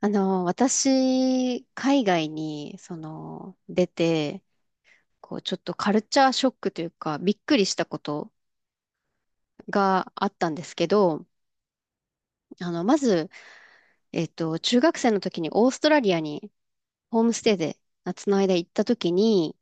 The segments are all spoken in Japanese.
私、海外に、出て、ちょっとカルチャーショックというか、びっくりしたことがあったんですけど、まず、中学生の時にオーストラリアにホームステイで夏の間行った時に、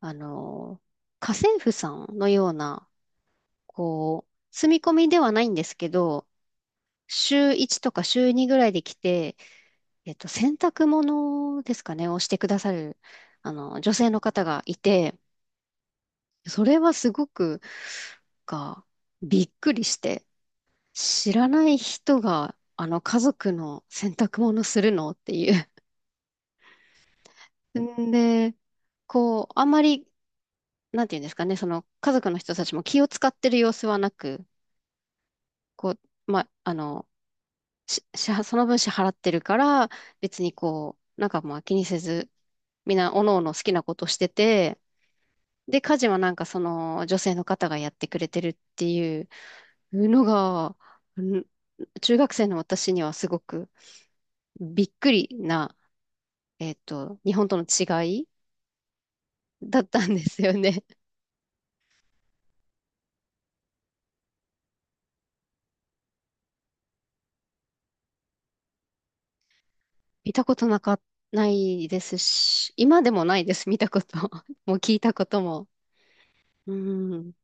あの、家政婦さんのような、住み込みではないんですけど、週1とか週2ぐらいで来て、洗濯物ですかね、をしてくださる、女性の方がいて、それはすごく、が、びっくりして、知らない人が、家族の洗濯物するのっていう。んで、あんまり、なんていうんですかね、家族の人たちも気を使ってる様子はなく、こう、ま、あの、し、支払その分支払ってるから、別になんかまあ気にせず、みんな、おのおの好きなことしてて、で、家事はなんかその女性の方がやってくれてるっていうのが、ん中学生の私にはすごくびっくりな、日本との違いだったんですよね。見たことなか、ないですし、今でもないです、見たこと。もう聞いたことも。うん。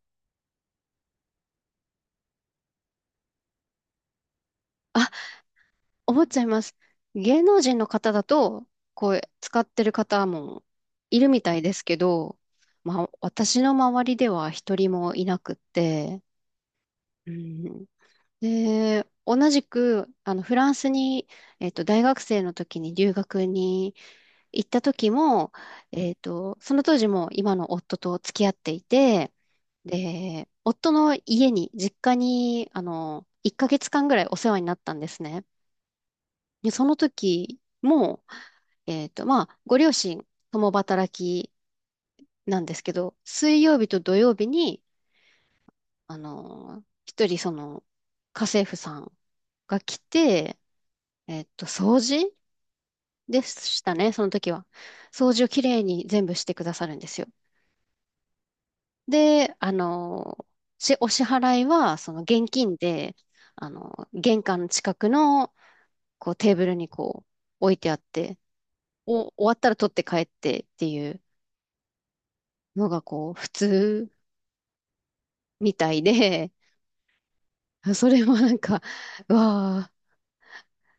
あ思っちゃいます。芸能人の方だと、使ってる方もいるみたいですけど、まあ、私の周りでは一人もいなくって、うん、で、同じく、フランスに、大学生の時に留学に行った時も、その当時も今の夫と付き合っていて、で、夫の家に、実家に、1ヶ月間ぐらいお世話になったんですね。で、その時も、まあ、ご両親、共働きなんですけど、水曜日と土曜日に、一人、家政婦さんが来て、掃除でしたね、その時は。掃除をきれいに全部してくださるんですよ。で、お支払いは、現金で、玄関の近くの、テーブルに、置いてあって、終わったら取って帰ってっていう、のが普通みたいで、それもなんか、うわ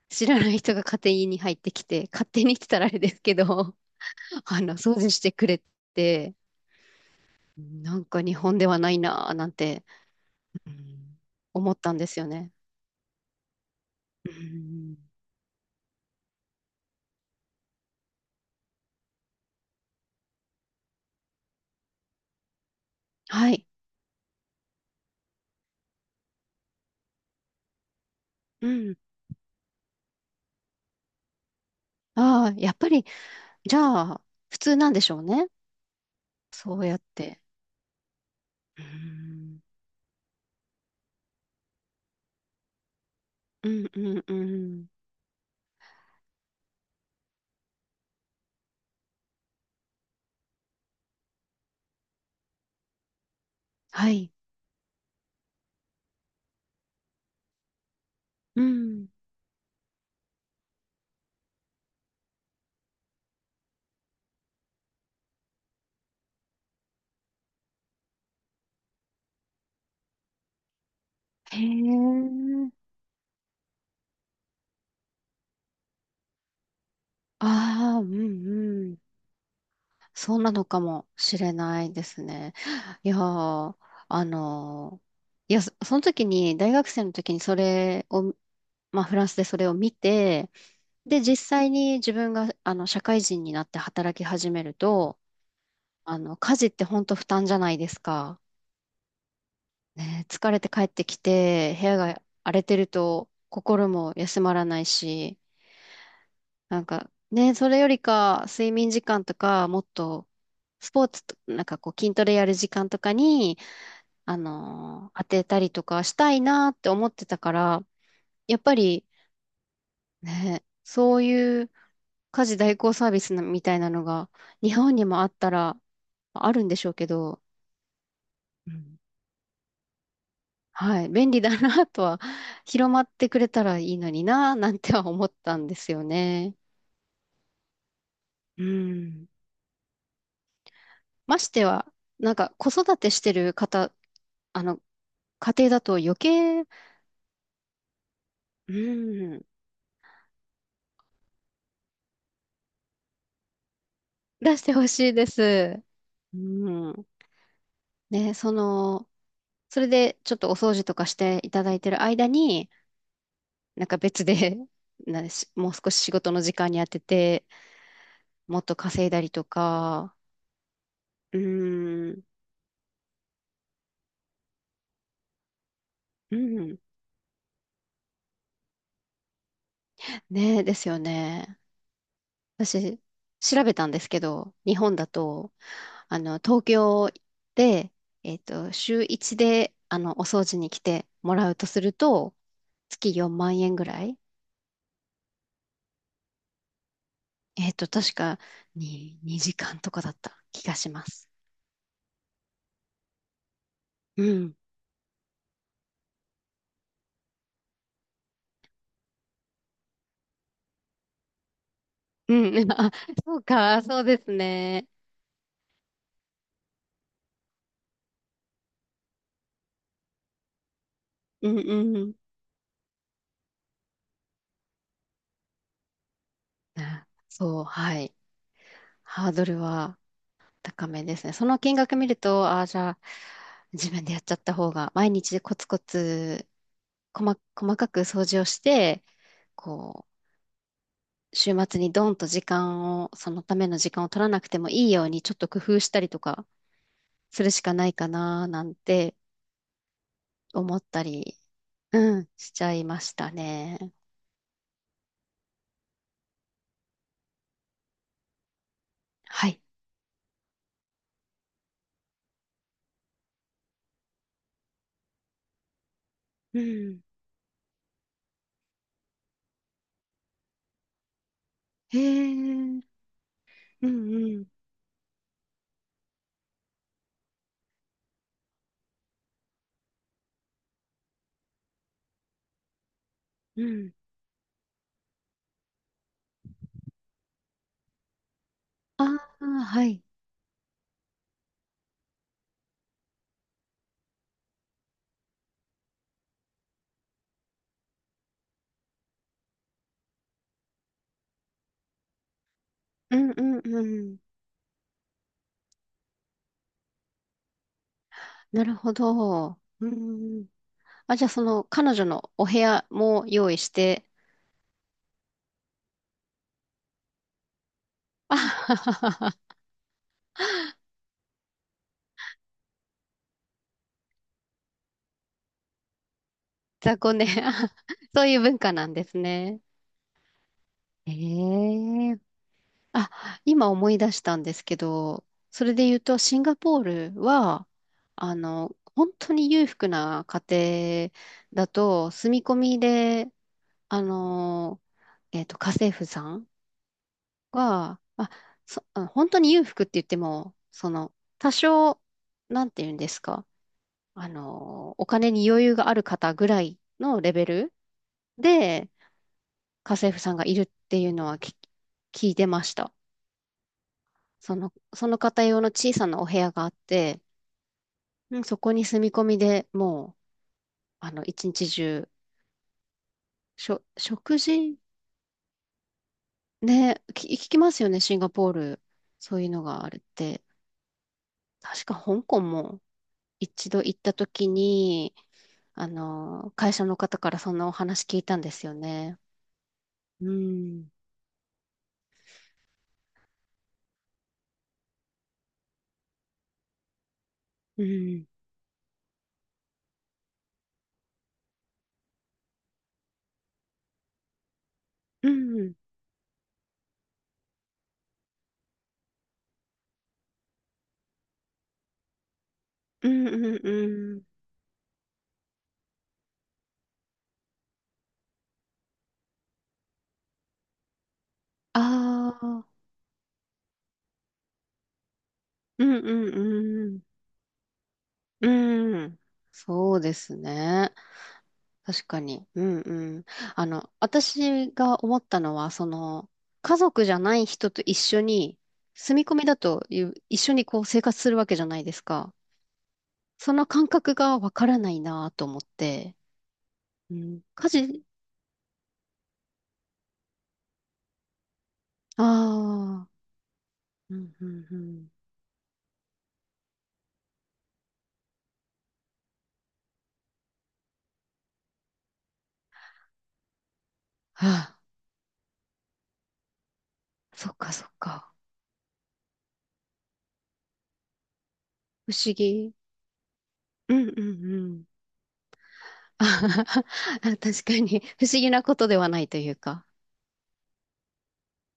ー知らない人が勝手に入ってきて、勝手にって言ったらあれですけど、掃除してくれて、なんか日本ではないなーなんて、うん思ったんですよね。うん、はい。うん。ああ、やっぱり、じゃあ、普通なんでしょうね。そうやって。うん。うんうんうん。はい。うん。へえ。ああ、うんうん。そうなのかもしれないですね。いやー、あのその時に、大学生の時にそれを、まあ、フランスでそれを見て、で、実際に自分が、社会人になって働き始めると、家事って本当負担じゃないですか。ね、疲れて帰ってきて、部屋が荒れてると、心も休まらないし、なんか、ね、それよりか、睡眠時間とか、もっと、スポーツと、なんか筋トレやる時間とかに、当てたりとかしたいなって思ってたから、やっぱり、ね、そういう家事代行サービスみたいなのが、日本にもあったら、あるんでしょうけど、うん、はい、便利だなとは、広まってくれたらいいのにな、なんては思ったんですよね。うん。ましては、なんか子育てしてる方あの、家庭だと余計、うん、出してほしいです。うん。ね、それでちょっとお掃除とかしていただいてる間に、なんか別で、なんし、もう少し仕事の時間に当てて、もっと稼いだりとか、うん、うん。ね、ですよね。私、調べたんですけど、日本だと、東京で、週1で、お掃除に来てもらうとすると、月4万円ぐらい。確かに2時間とかだった気がします。うん。うん。あ、そうか、そうですね。うんうん。あ、そう、はい。ハードルは高めですね。その金額見ると、ああ、じゃあ、自分でやっちゃった方が、毎日コツコツ、細かく掃除をして、こ週末にドンと時間を、そのための時間を取らなくてもいいように、ちょっと工夫したりとかするしかないかな、なんて思ったり、うん、しちゃいましたね。はい。うん。へえ、うんうん、うん。ああ、はい。うんうんうん。なるほど。うん。あ、じゃあその彼女のお部屋も用意して、あはははは。雑魚寝、あ、そういう文化なんですね。ええ、あ、今思い出したんですけど、それで言うと、シンガポールは、本当に裕福な家庭だと、住み込みで、あの、家政婦さんが、本当に裕福って言っても、その、多少、なんて言うんですか、お金に余裕がある方ぐらいのレベルで、家政婦さんがいるっていうのは聞いてました。その方用の小さなお部屋があって、うんそこに住み込みでもう、一日中、食事。ね、聞きますよね、シンガポール。そういうのがあるって。確か香港も一度行った時に、会社の方からそんなお話聞いたんですよね。うん、うん、うん、うん、うん、うん。ああ、うん、うん、うん、うん。そうですね。確かに。うんうん。私が思ったのは、家族じゃない人と一緒に、住み込みだという、一緒に生活するわけじゃないですか。その感覚がわからないなと思って。うん、家事、ああ、うんうんうん。ああ、そっかそっか。不思議。うんうんうん。あははは。確かに、不思議なことではないというか。